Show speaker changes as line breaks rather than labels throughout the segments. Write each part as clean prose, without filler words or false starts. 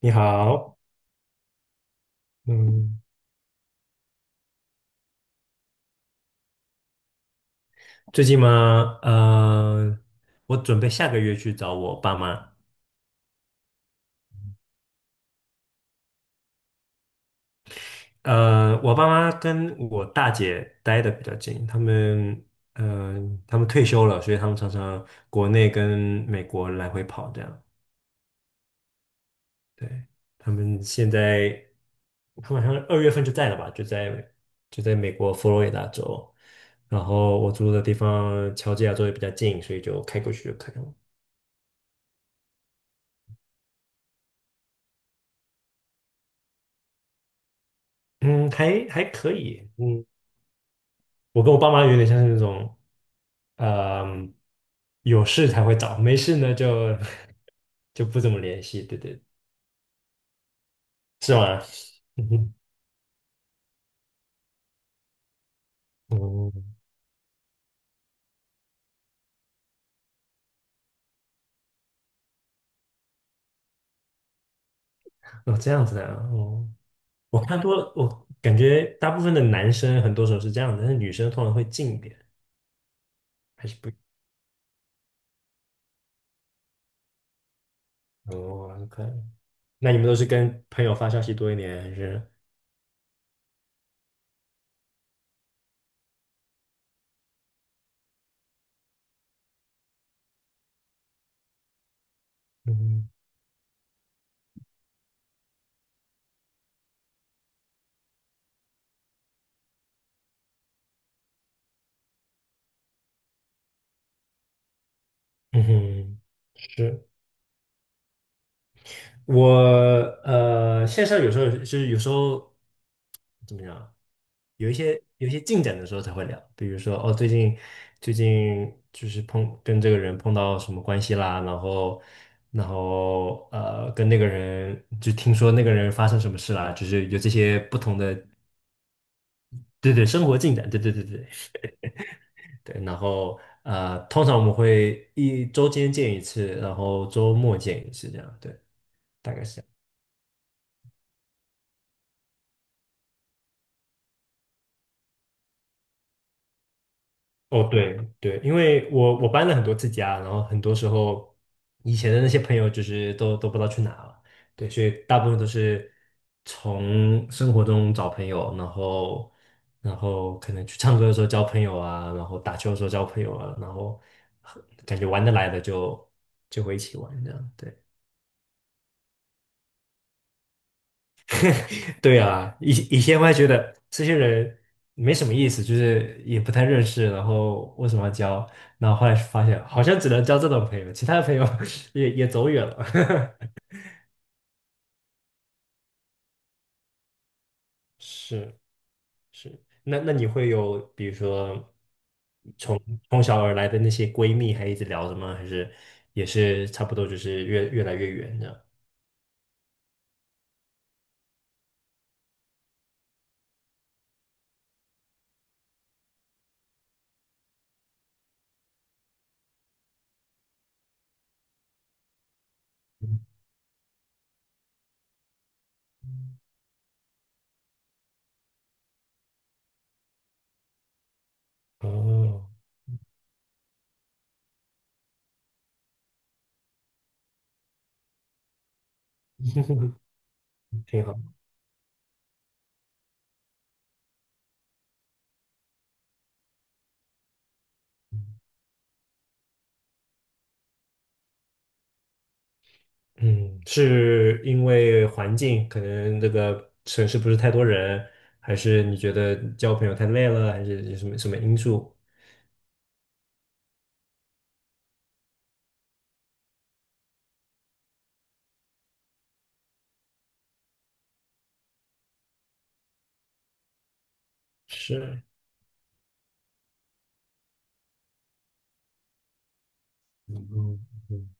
你好。嗯，最近吗？我准备下个月去找我爸妈。我爸妈跟我大姐待的比较近，他们退休了，所以他们常常国内跟美国来回跑这样。对，他们现在，他们好像二月份就在了吧，就在美国佛罗里达州，然后我住的地方乔治亚州也比较近，所以就开过去就可以了。嗯，还可以。嗯，我跟我爸妈有点像是那种，嗯、有事才会找，没事呢就 就不怎么联系。对对。是吗？嗯哦，哦，这样子的啊。哦，我看多了，我感觉大部分的男生很多时候是这样的，但是女生通常会近一点。还是不。哦，OK。那你们都是跟朋友发消息多一点，还是嗯嗯哼。是。我线上有时候就是有时候怎么样，有一些进展的时候才会聊。比如说哦，最近就是碰跟这个人碰到什么关系啦，然后跟那个人就听说那个人发生什么事啦，就是有这些不同的，对对，生活进展，对对对对对。然后通常我们会一周间见一次，然后周末见一次这样。对，大概是。这样。哦，对对，因为我搬了很多次家，然后很多时候以前的那些朋友就是都不知道去哪了。对，所以大部分都是从生活中找朋友。然后可能去唱歌的时候交朋友啊，然后打球的时候交朋友啊，然后感觉玩得来的就会一起玩这样。对。对啊，以前我还觉得这些人没什么意思，就是也不太认识，然后为什么要交？然后后来发现，好像只能交这种朋友，其他的朋友 也走远了。是是。那你会有比如说从小而来的那些闺蜜还一直聊着吗？还是也是差不多，就是越来越远这样？哦，挺好。嗯，是因为环境，可能这个城市不是太多人，还是你觉得交朋友太累了，还是有什么什么因素？是。嗯嗯嗯。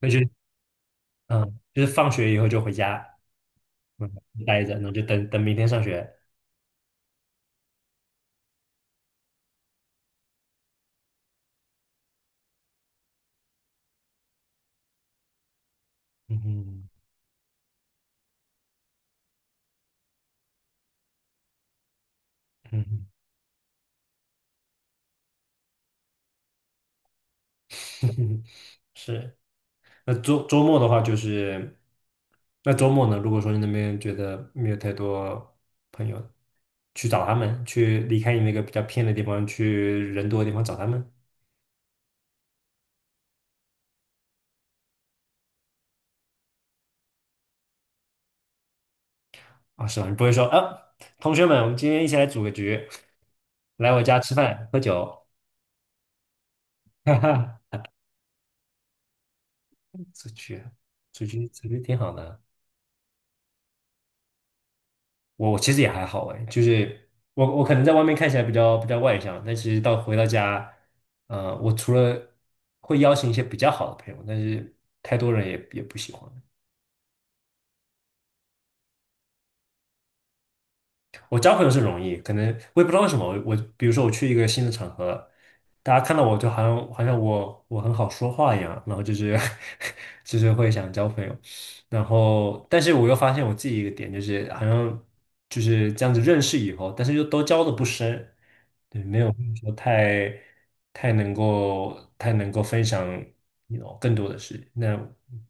那就嗯，就是放学以后就回家。嗯，待着，那就等等明天上学。嗯嗯嗯。是。那周末的话，就是那周末呢，如果说你那边觉得没有太多朋友，去找他们，去离开你那个比较偏的地方，去人多的地方找他们。啊，是吧？你不会说啊，同学们，我们今天一起来组个局，来我家吃饭喝酒。哈哈。出去，出去，出去挺好的。我其实也还好哎，就是我可能在外面看起来比较外向，但其实到回到家，我除了会邀请一些比较好的朋友，但是太多人也不喜欢。我交朋友是容易，可能我也不知道为什么，我比如说我去一个新的场合，大家看到我就好像我很好说话一样，然后就是 就是会想交朋友。然后，但是我又发现我自己一个点，就是好像就是这样子认识以后，但是又都交的不深。对，没有说太能够分享你 更多的事。那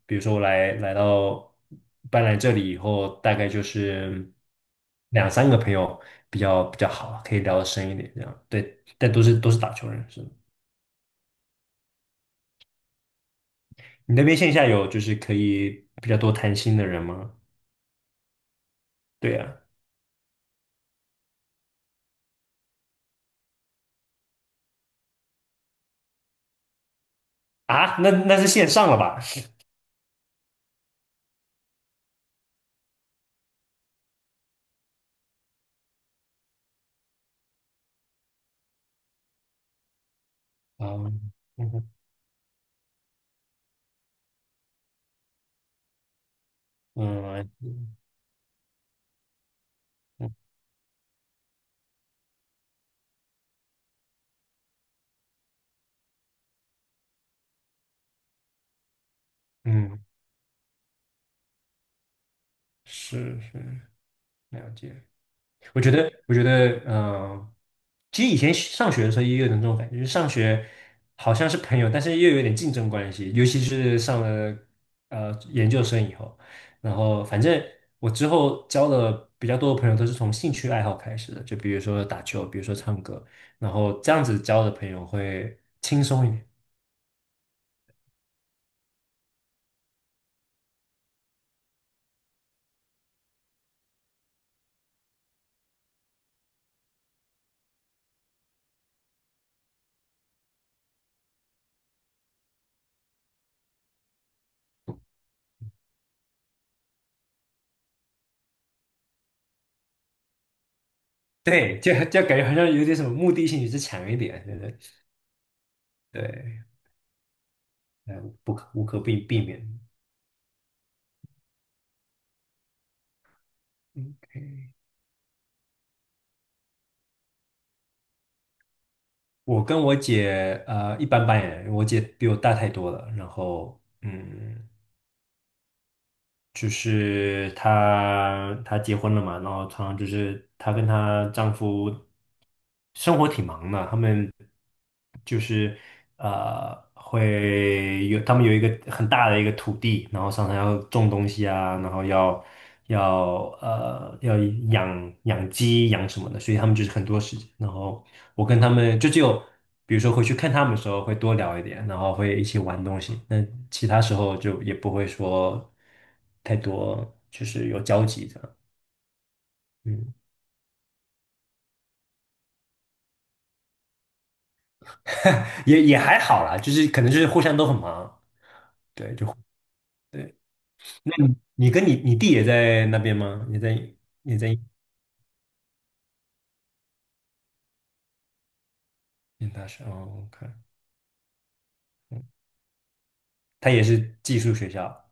比如说我来来到搬来这里以后，大概就是两三个朋友比较好，可以聊的深一点这样。对，但都是打球人，是吗？你那边线下有就是可以比较多谈心的人吗？对呀。啊，那是线上了吧？啊，嗯嗯嗯，嗯，是是，了解。我觉得，其实以前上学的时候也有的这种感觉，就是上学好像是朋友，但是又有点竞争关系，尤其是上了研究生以后，然后反正我之后交的比较多的朋友都是从兴趣爱好开始的，就比如说打球，比如说唱歌，然后这样子交的朋友会轻松一点。对，就感觉好像有点什么目的性就是强一点。对对对。不可无可避避免。嗯，我跟我姐一般般耶，我姐比我大太多了，然后嗯。就是她结婚了嘛，然后常常就是她跟她丈夫生活挺忙的，他们就是他们有一个很大的一个土地，然后常常要种东西啊，然后要养鸡养什么的，所以他们就是很多时间，然后我跟他们就只有。比如说回去看他们的时候会多聊一点，然后会一起玩东西。那其他时候就也不会说。太多就是有交集的。嗯，也还好啦，就是可能就是互相都很忙。对，就对。那你跟你弟也在那边吗？也在念大学哦，OK。嗯，他也是寄宿学校。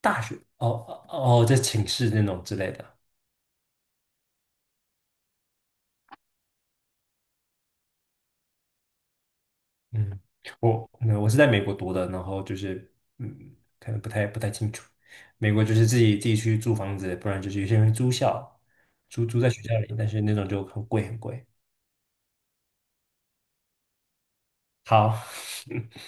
大学哦哦。哦在寝室那种之类的。嗯，那我是在美国读的，然后就是嗯，可能不太清楚。美国就是自己去租房子，不然就是有些人会租在学校里，但是那种就很贵很贵。好，